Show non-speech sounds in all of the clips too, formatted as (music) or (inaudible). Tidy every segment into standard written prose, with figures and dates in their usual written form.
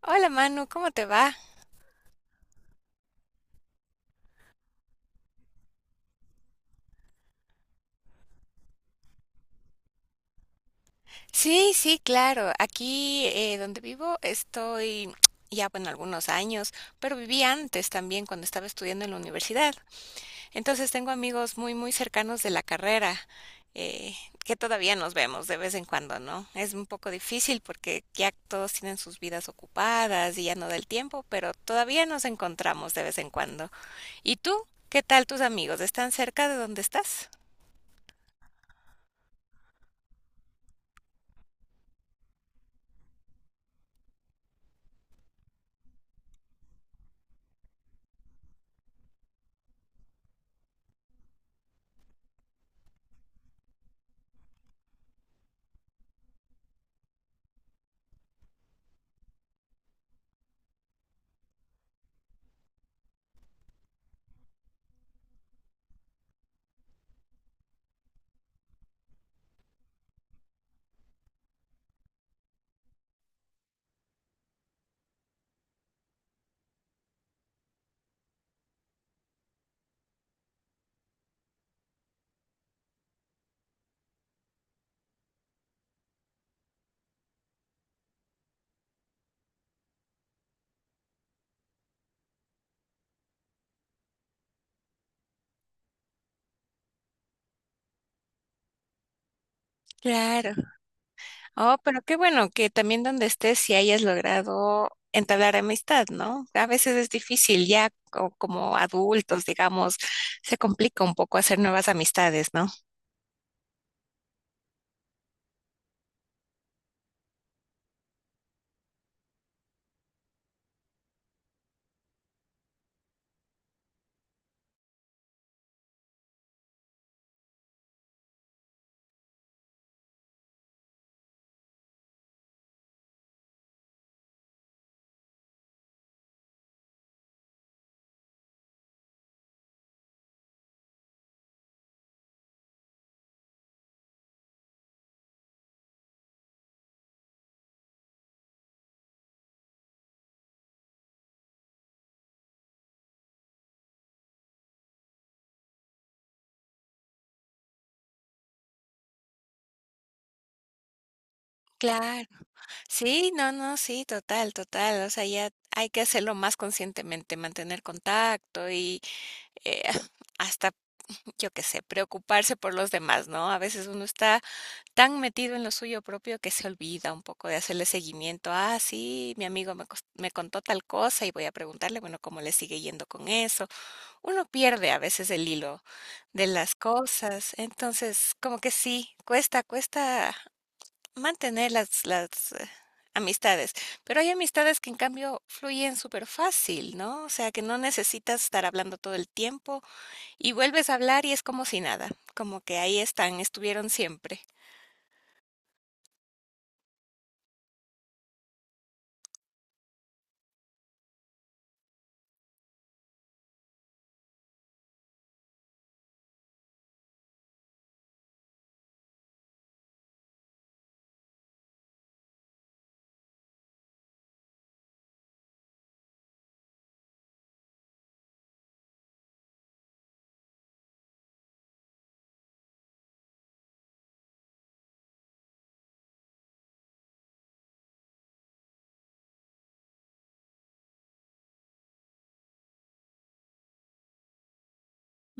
Hola Manu, ¿cómo te va? Sí, sí, claro. Aquí donde vivo estoy (tsk) ya, bueno, algunos años, pero viví antes también cuando estaba estudiando en la universidad. Entonces tengo amigos muy cercanos de la carrera, eh, que todavía nos vemos de vez en cuando, ¿no? Es un poco difícil porque ya todos tienen sus vidas ocupadas y ya no del tiempo, pero todavía nos encontramos de vez en cuando. ¿Y tú? ¿Qué tal tus amigos? ¿Están cerca de donde estás? Claro. Oh, pero qué bueno que también donde estés, si hayas logrado entablar amistad, ¿no? A veces es difícil ya como adultos, digamos, se complica un poco hacer nuevas amistades, ¿no? Claro, sí, no, no, sí, total, total. O sea, ya hay que hacerlo más conscientemente, mantener contacto y eh, hasta, yo qué sé, preocuparse por los demás, ¿no? A veces uno está tan metido en lo suyo propio que se olvida un poco de hacerle seguimiento. Ah, sí, mi amigo me contó tal cosa y voy a preguntarle, bueno, cómo le sigue yendo con eso. Uno pierde a veces el hilo de las cosas, entonces como que sí, cuesta, cuesta mantener las amistades, pero hay amistades que en cambio fluyen súper fácil, ¿no? O sea, que no necesitas estar hablando todo el tiempo y vuelves a hablar y es como si nada, como que ahí están, estuvieron siempre.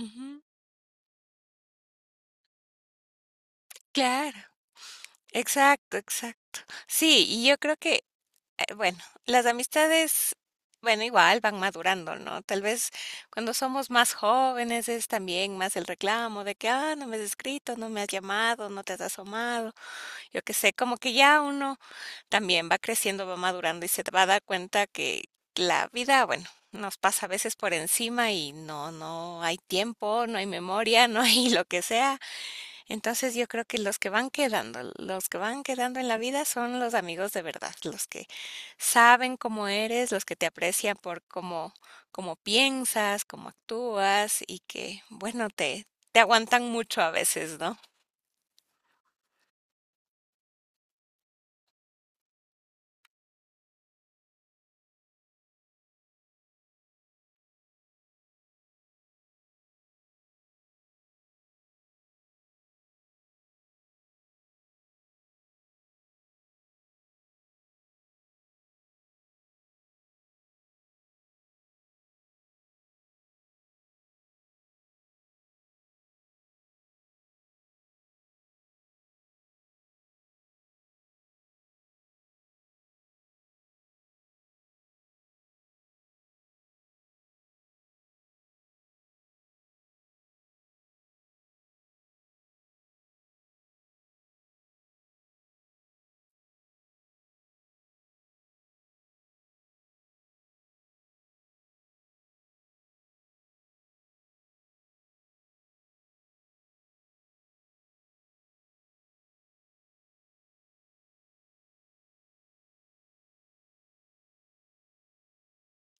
Ujú. Claro, exacto, exacto. Sí, y yo creo que, bueno, las amistades, bueno, igual van madurando, ¿no? Tal vez cuando somos más jóvenes es también más el reclamo de que, ah, no me has escrito, no me has llamado, no te has asomado, yo qué sé, como que ya uno también va creciendo, va madurando y se va a dar cuenta que la vida, bueno, nos pasa a veces por encima y no, no hay tiempo, no hay memoria, (laughs) no hay lo que sea. Entonces yo creo que los que van quedando, los que van quedando en la vida son los amigos de verdad, los que saben cómo eres, los que te aprecian por cómo, cómo piensas, cómo actúas y que, bueno, te aguantan mucho a veces, ¿no?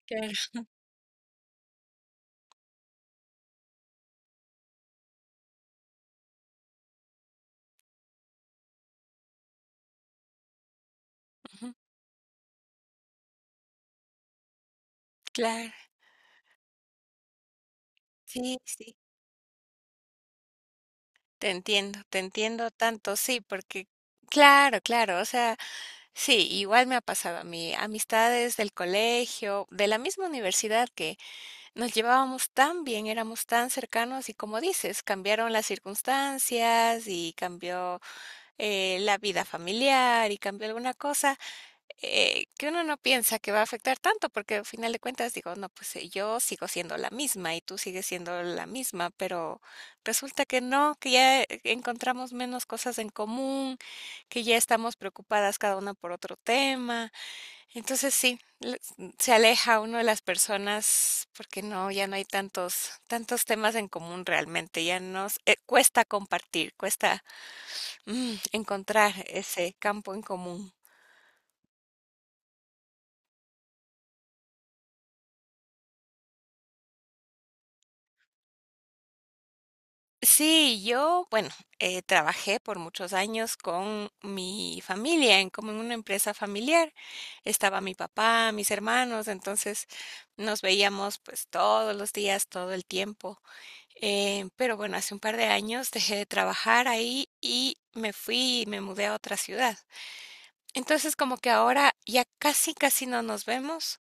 Claro. Ujú, claro, sí, sí, te entiendo tanto, sí, porque claro, claro, o sea, sí, igual me ha pasado a mí, amistades del colegio, de la misma universidad que nos llevábamos tan bien, éramos tan cercanos y como dices, cambiaron las circunstancias y cambió la vida familiar y cambió alguna cosa que uno no piensa que va a afectar tanto, porque al final de cuentas digo, no, pues yo sigo siendo la misma y tú sigues siendo la misma, pero resulta que no, que ya encontramos menos cosas en común, que ya estamos preocupadas cada una por otro tema. Entonces sí, se aleja uno de las personas porque no, ya no hay tantos, tantos temas en común realmente, ya nos cuesta compartir, cuesta encontrar ese campo en común. Sí, yo, bueno, trabajé por muchos años con mi familia, en, como en una empresa familiar. Estaba mi papá, mis hermanos, entonces nos veíamos pues todos los días, todo el tiempo. Pero bueno, hace un par de años dejé de trabajar ahí y me fui y me mudé a otra ciudad. Entonces, como que ahora ya casi, casi no nos vemos.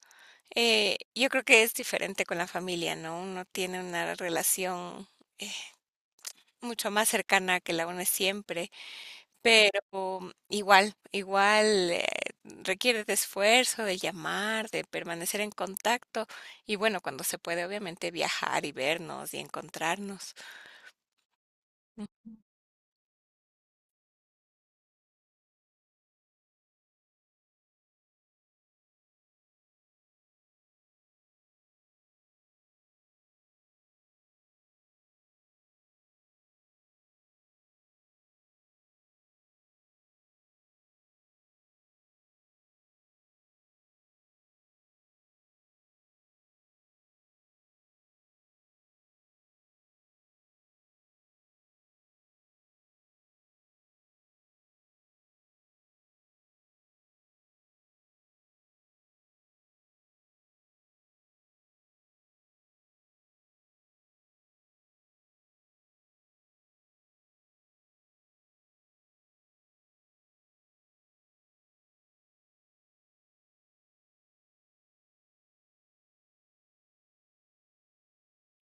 Yo creo que es diferente con la familia, ¿no? Uno tiene una relación eh, mucho más cercana que la une siempre, pero igual, requiere de esfuerzo, de llamar, de permanecer en contacto y bueno, cuando se puede, obviamente viajar y vernos y encontrarnos.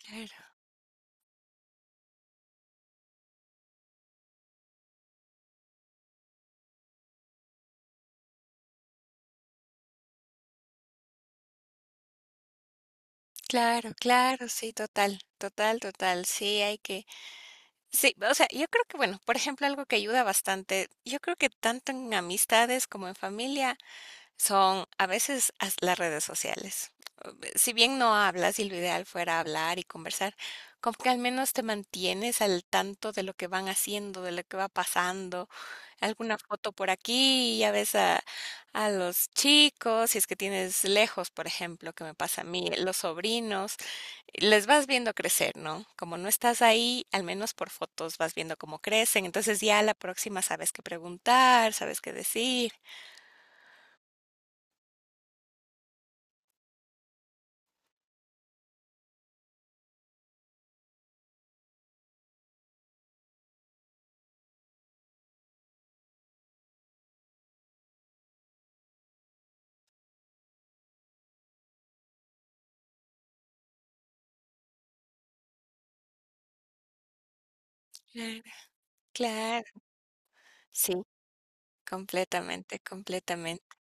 Claro. Claro, claro, sí, total, total, total. Sí, hay que, sí, o sea, yo creo que, bueno, por ejemplo, algo que ayuda bastante, yo creo que tanto en amistades como en familia, son a veces las redes sociales. Si bien no hablas y lo ideal fuera hablar y conversar, como que al menos te mantienes al tanto de lo que van haciendo, de lo que va pasando, alguna foto por aquí, a los chicos, si es que tienes lejos, por ejemplo, que me pasa a mí, los sobrinos, les vas viendo crecer, ¿no? Como no estás ahí, al menos por fotos vas viendo cómo crecen, entonces ya a la próxima sabes qué preguntar, sabes qué decir. Claro. Claro. Sí, completamente, completamente. (laughs)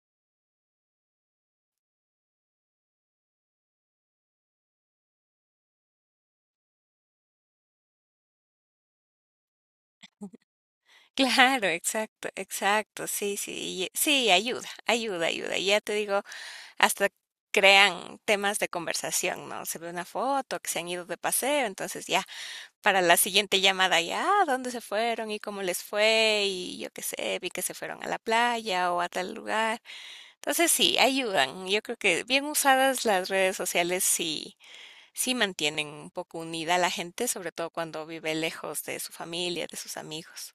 Claro, exacto, exacto. Sí, sí, sí, ayuda, ayuda, ayuda. Y ya te digo, hasta crean temas de conversación, ¿no? Se ve una foto que se han ido de paseo, entonces ya para la siguiente llamada ya, "Ah, ¿dónde se fueron y cómo les fue? Y yo qué sé, vi que se fueron a la playa o a tal lugar." Entonces sí, ayudan. Yo creo que bien usadas las redes sociales sí mantienen un poco unida a la gente, sobre todo cuando vive lejos de su familia, de sus amigos.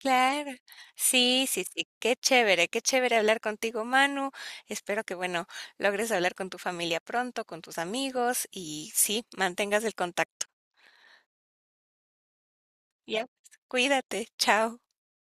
Claro, sí, sí, sí, qué chévere hablar contigo, Manu. Espero que, bueno, logres hablar con tu familia pronto, con tus amigos y sí, mantengas el contacto. Ya, pues, cuídate, chao.